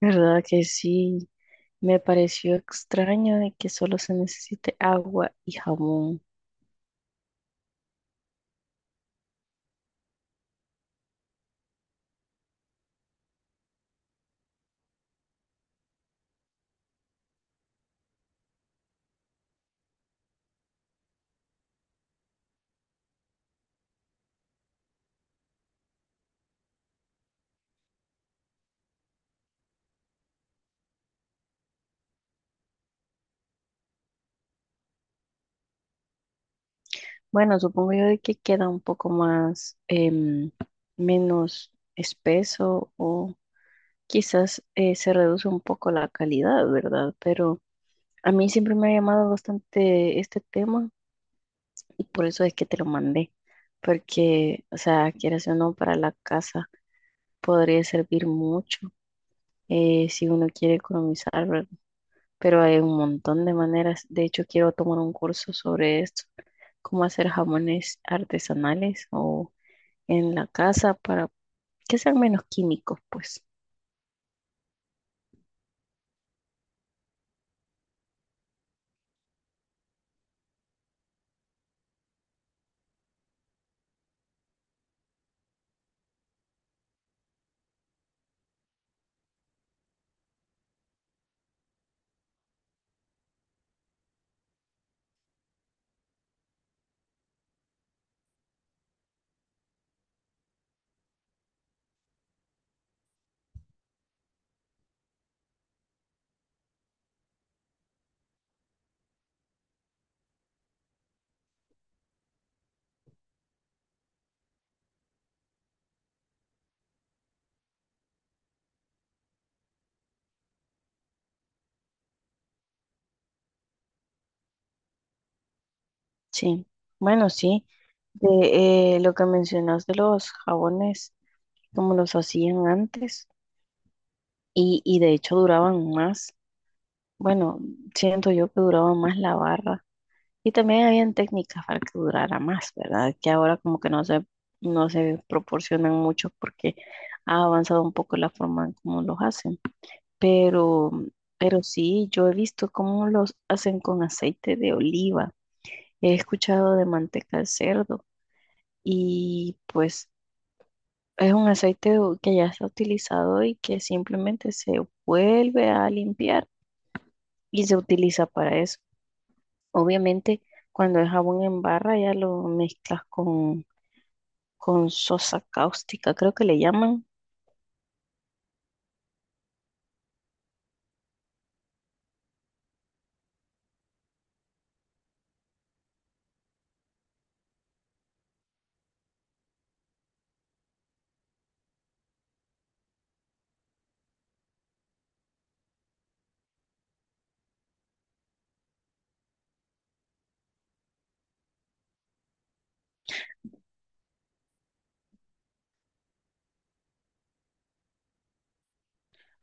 ¿Verdad que sí? Me pareció extraño de que solo se necesite agua y jabón. Bueno, supongo yo de que queda un poco más, menos espeso o quizás se reduce un poco la calidad, ¿verdad? Pero a mí siempre me ha llamado bastante este tema y por eso es que te lo mandé, porque, o sea, quieras o no, para la casa podría servir mucho si uno quiere economizar, ¿verdad? Pero hay un montón de maneras. De hecho, quiero tomar un curso sobre esto, cómo hacer jamones artesanales o en la casa para que sean menos químicos, pues. Sí, bueno, sí. De lo que mencionas de los jabones, como los hacían antes, y de hecho duraban más. Bueno, siento yo que duraba más la barra. Y también habían técnicas para que durara más, ¿verdad? Que ahora como que no se proporcionan mucho porque ha avanzado un poco la forma en cómo los hacen. Pero, pero sí, yo he visto cómo los hacen con aceite de oliva. He escuchado de manteca de cerdo y pues es un que ya está utilizado y que simplemente se vuelve a limpiar y se utiliza para eso. Obviamente, cuando es jabón en barra ya lo mezclas con sosa cáustica, creo que le llaman.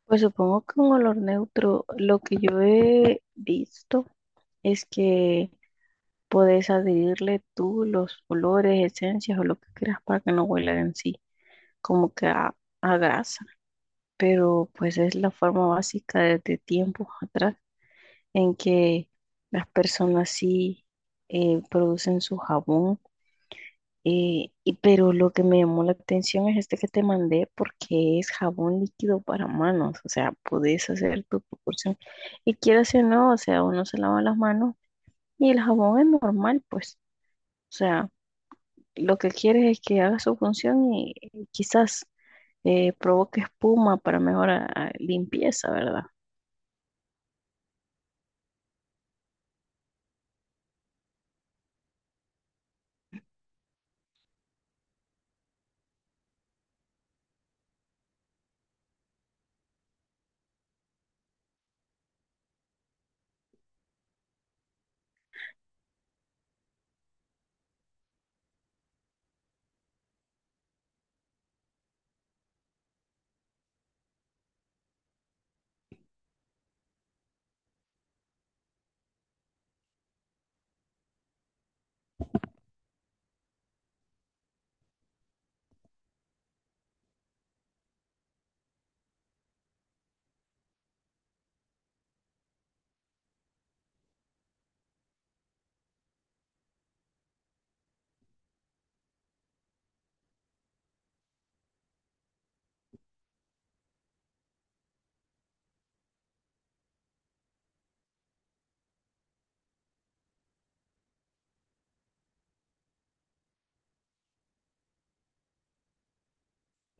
Pues supongo que un olor neutro, lo que yo he visto es que podés adherirle tú los olores, esencias o lo que quieras para que no huela en sí, como que a grasa. Pero pues es la forma básica desde tiempos atrás en que las personas sí producen su jabón. Pero lo que me llamó la atención es este que te mandé porque es jabón líquido para manos, o sea, podés hacer tu proporción. Y quieras o no, o sea, uno se lava las manos y el jabón es normal, pues. O sea, lo que quieres es que haga su función y quizás provoque espuma para mejorar limpieza, ¿verdad?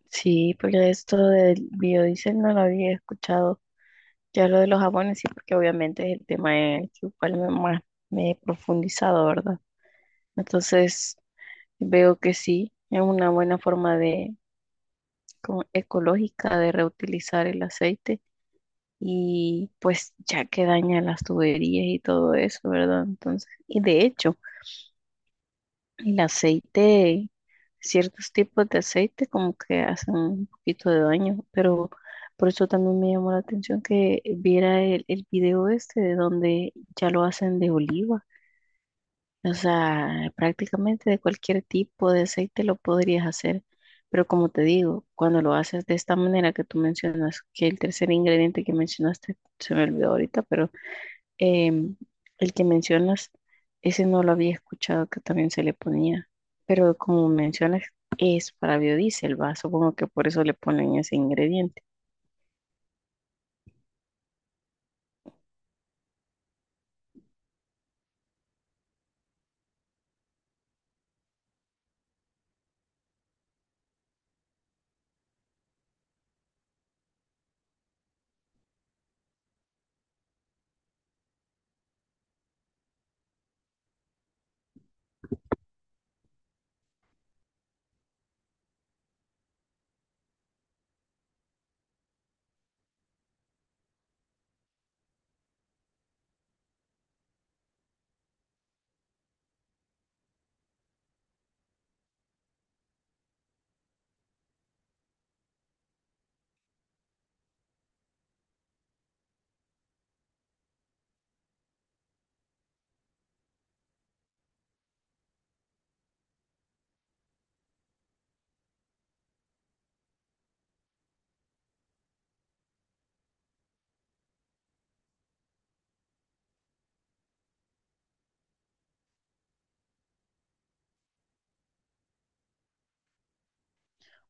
Sí, pero esto del biodiesel no lo había escuchado. Ya lo de los jabones, sí, porque obviamente es el tema en el que igual más me he profundizado, ¿verdad? Entonces, veo que sí, es una buena forma de, como ecológica de reutilizar el aceite y pues ya que daña las tuberías y todo eso, ¿verdad? Entonces, y de hecho, el aceite, ciertos tipos de aceite como que hacen un poquito de daño, pero por eso también me llamó la atención que viera el video este de donde ya lo hacen de oliva. O sea, prácticamente de cualquier tipo de aceite lo podrías hacer. Pero como te digo, cuando lo haces de esta manera que tú mencionas, que el tercer ingrediente que mencionaste se me olvidó ahorita, pero Em, el que mencionas, ese no lo había escuchado que también se le ponía, pero como mencionas, es para biodiesel, va, supongo que por eso le ponen ese ingrediente.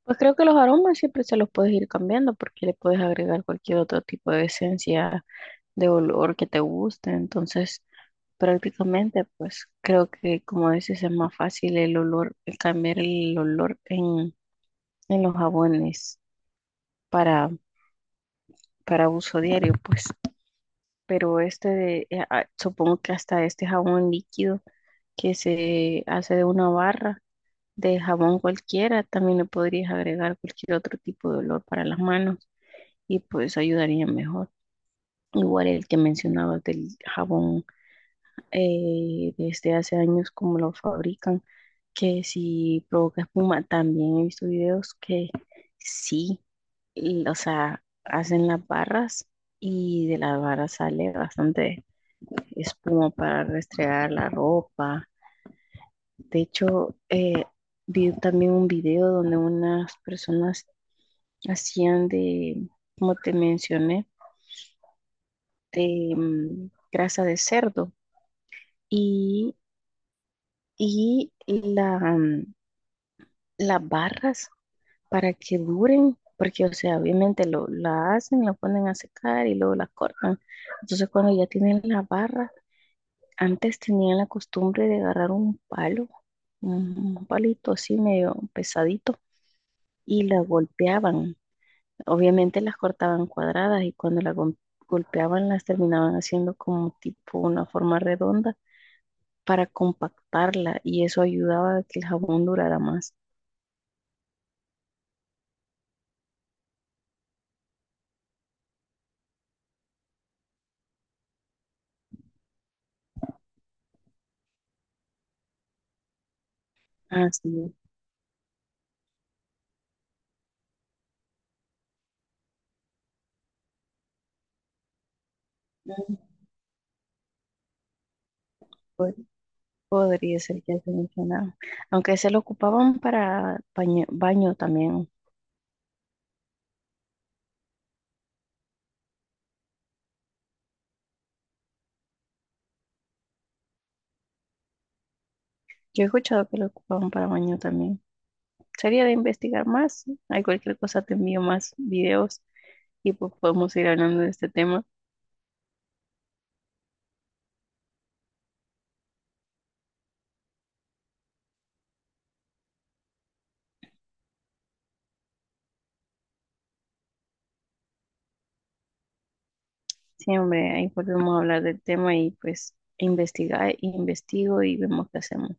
Pues creo que los aromas siempre se los puedes ir cambiando porque le puedes agregar cualquier otro tipo de esencia, de olor que te guste, entonces prácticamente, pues creo que como dices es más fácil el olor, el cambiar el olor en los jabones para, para uso diario, pues. Pero este, supongo que hasta este jabón líquido que se hace de una barra de jabón cualquiera, también le podrías agregar cualquier otro tipo de olor para las manos y pues ayudaría mejor. Igual el que mencionabas del jabón desde hace años como lo fabrican, que si provoca espuma, también he visto videos que sí, y, o sea, hacen las barras y de las barras sale bastante espuma para restregar la ropa. De hecho, vi también un video donde unas personas hacían de, como te mencioné, de grasa de cerdo y, y la... las barras para que duren, porque, o sea, obviamente lo, la hacen, la ponen a secar y luego la cortan. Entonces, cuando ya tienen la barra, antes tenían la costumbre de agarrar un palo, un palito así medio pesadito, y la golpeaban. Obviamente las cortaban cuadradas y cuando golpeaban las terminaban haciendo como tipo una forma redonda para compactarla y eso ayudaba a que el jabón durara más. Así. Podría ser que se mencionaba. Aunque se lo ocupaban para baño, baño también. Yo he escuchado que lo ocupaban para baño también. Sería de investigar más, ¿no? Hay cualquier cosa, te envío más videos y pues podemos ir hablando de este tema. Siempre ahí podemos hablar del tema y pues investigar, investigo y vemos qué hacemos.